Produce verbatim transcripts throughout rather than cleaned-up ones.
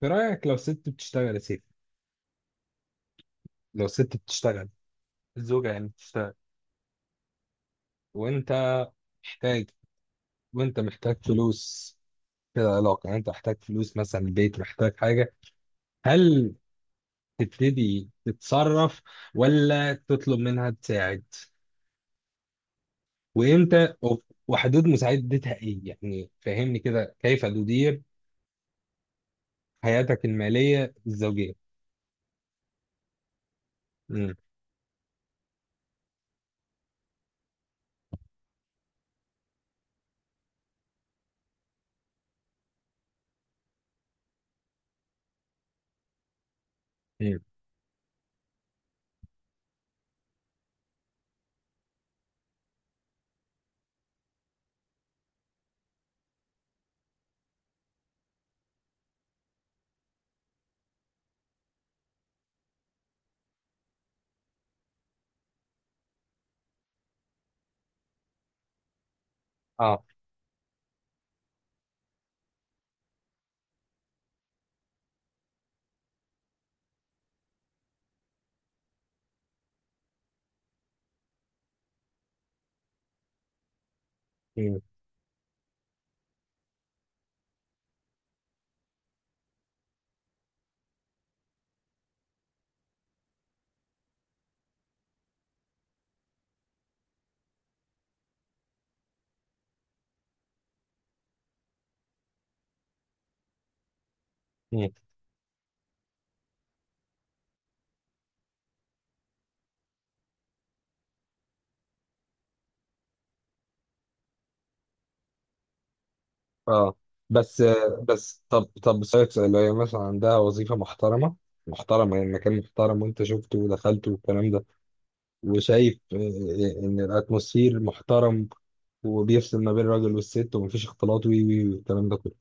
في رأيك لو ست بتشتغل يا سيدي. لو ست بتشتغل الزوجة يعني بتشتغل وانت محتاج وانت محتاج فلوس في العلاقة، يعني انت محتاج فلوس، مثلا البيت محتاج حاجة. هل تبتدي تتصرف، ولا تطلب منها تساعد؟ وامتى وف- وحدود مساعدتها ايه؟ يعني فهمني كده، كيف تدير حياتك المالية الزوجية؟ امم امم اه امم اه بس بس، طب طب اسالك سؤال، لو هي مثلا عندها وظيفه محترمه، محترمه يعني مكان محترم، وانت شفته ودخلته والكلام ده، وشايف آه، آه، ان الاتموسفير محترم، وبيفصل ما بين الراجل والست، ومفيش اختلاط وي وي والكلام ده كله،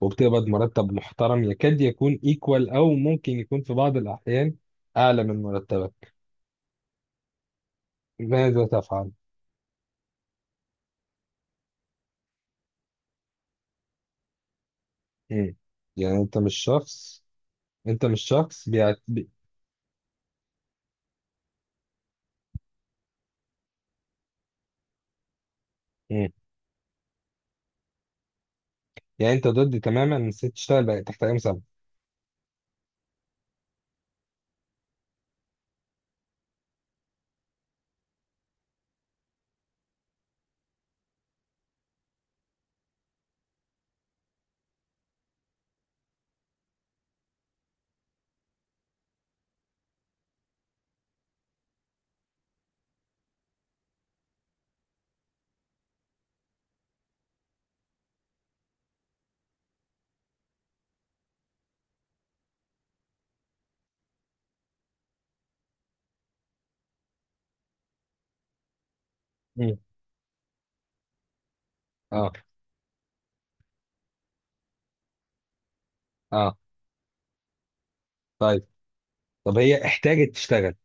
وبتقبض مرتب محترم يكاد يكون ايكوال، او ممكن يكون في بعض الاحيان اعلى من مرتبك. ماذا تفعل؟ مم. يعني انت مش شخص، انت مش شخص بيعت... بي... مم. يعني انت ضد تماما ان الست تشتغل بقى تحت اي مسمى؟ اه. اه. طيب، طب هي احتاجت تشتغل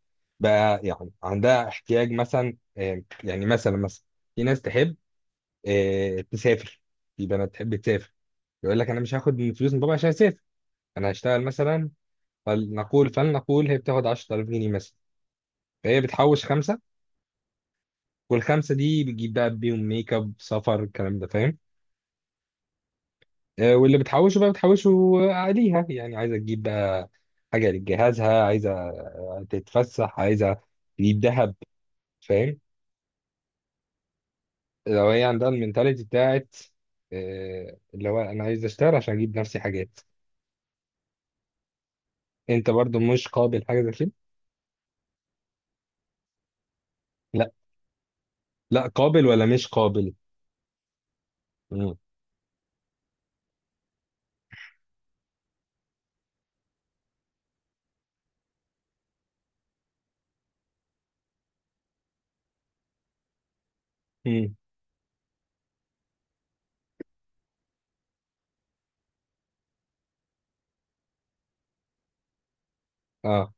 بقى، يعني عندها احتياج، مثلا آه، يعني مثلا مثلا في ناس تحب آه تسافر، في بنات تحب تسافر، يقول لك انا مش هاخد من فلوس من بابا عشان اسافر، انا هشتغل مثلا. فلنقول فلنقول هي بتاخد عشرة آلاف جنيه مثلا، فهي بتحوش خمسه، والخمسه دي بتجيب بقى بيهم ميك اب، سفر، الكلام ده، فاهم؟ آه، واللي بتحوشه بقى بتحوشه عليها، يعني عايزه تجيب بقى حاجه لجهازها، عايزه تتفسح، عايزه تجيب ذهب، فاهم؟ لو هي عندها المنتاليتي بتاعت آه اللي هو انا عايز اشتغل عشان اجيب نفسي حاجات، انت برضو مش قابل حاجه زي كده؟ لا. لا قابل ولا مش قابل؟ مم. مم. اه.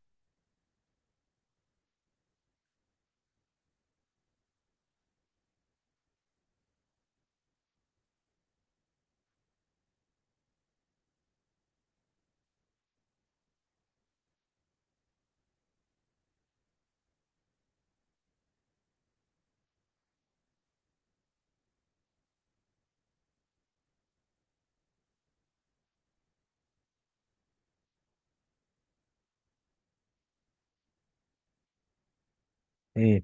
مم.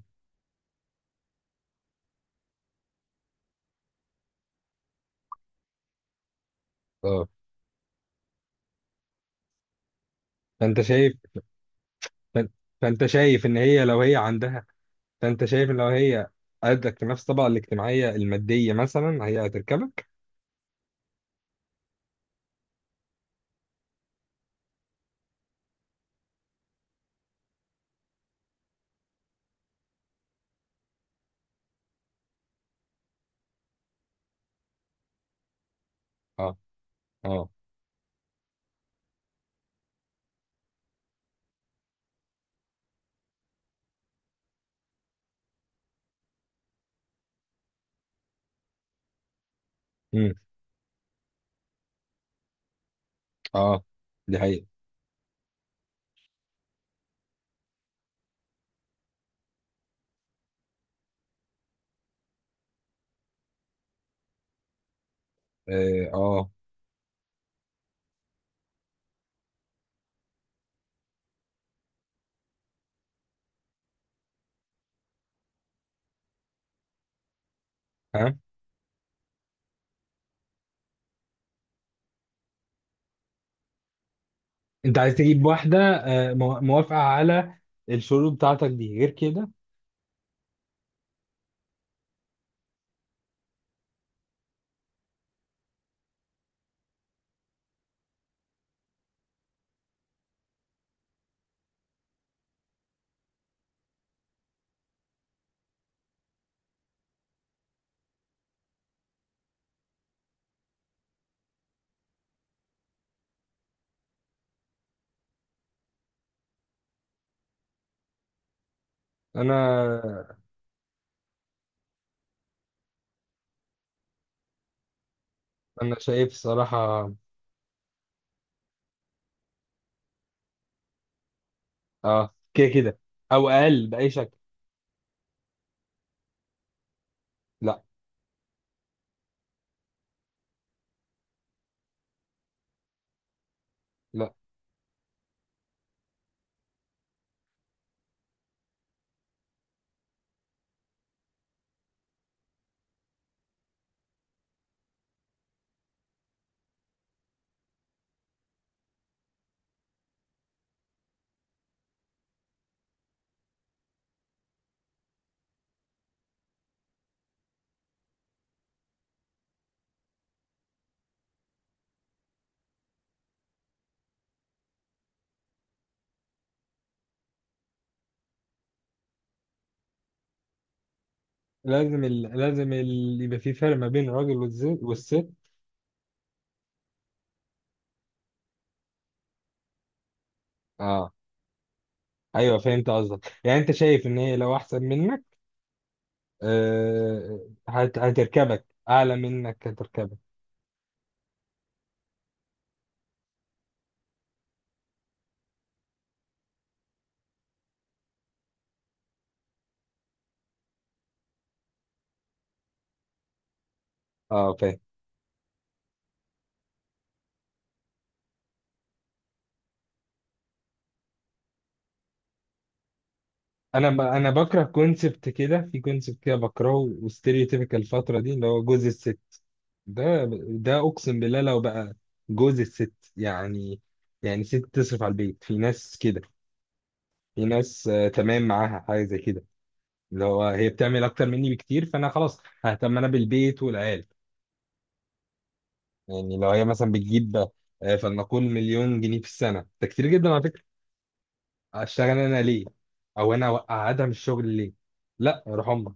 اه. فانت شايف، فان- فانت شايف ان هي لو هي عندها، فانت شايف ان لو هي قدك في نفس الطبقه الاجتماعيه الماديه مثلا، هي هتركبك؟ اه. اه. مم. اه. دي حقيقه. اه. اه. ها. انت عايز تجيب واحده آه مو- موافقه على الشروط بتاعتك دي، غير كده؟ انا انا شايف صراحة اه كده كده، او اقل باي شكل. لا. لا، لازم ال... لازم ال... يبقى في فرق ما بين الراجل والز- والست. اه، ايوه فهمت قصدك، يعني انت شايف ان هي لو احسن منك آه هت... هتركبك، اعلى منك هتركبك؟ اه فاهم. انا ب... انا بكره كونسبت كده، في كونسبت كده بكرهه وستيريوتيبيكال الفترة دي، اللي هو جوز الست، ده ده اقسم بالله لو بقى جوز الست. يعني يعني ست تصرف على البيت، في ناس كده، في ناس آه تمام معاها حاجه زي كده، اللي هو هي بتعمل اكتر مني بكتير، فانا خلاص ههتم انا بالبيت والعيال. يعني لو هي مثلا بتجيب آه فلنقول مليون جنيه في السنه، ده كتير جدا على فكره، اشتغل انا ليه؟ او انا اقعدها من الشغل ليه؟ لا يا رحمة.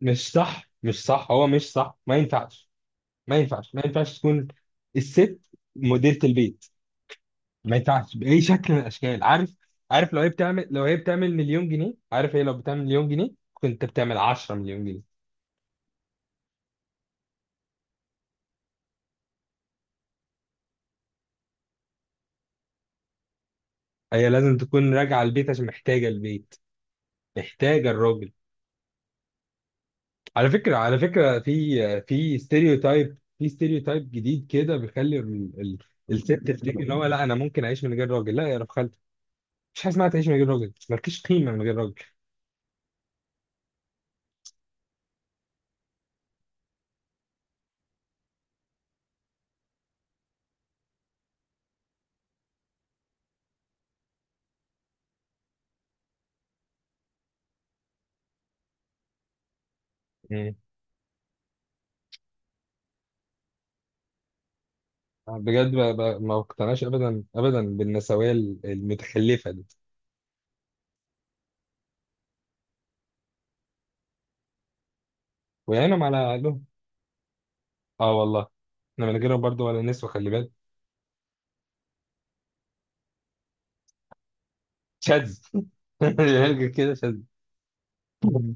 مش صح، مش صح، هو مش صح، ما ينفعش، ما ينفعش، ما ينفعش تكون الست مديرة البيت، ما ينفعش باي شكل من الاشكال، عارف؟ عارف لو هي بتعمل، لو هي بتعمل مليون جنيه، عارف هي لو بتعمل مليون جنيه، كنت بتعمل عشرة مليون جنيه. هي لازم تكون راجعه البيت عشان محتاجه البيت، محتاجه الراجل. على فكره، على فكره في في ستيريوتايب، في ستيريوتايب جديد كده بيخلي ال... ال... الست تفتكر ان هو لا، انا ممكن اعيش من غير راجل. لا يا رب خالتي، مفيش حاجه اسمها تعيش من غير راجل، مالكيش قيمه من غير راجل. مم. بجد، ب... ب... ما اقتنعش ابدا ابدا بالنسويه المتخلفه دي، ويعينهم على اهلهم. اه والله، احنا من غيرهم برضه ولا نسوى، خلي بالك. شاذ. هرجع كده. شاذ.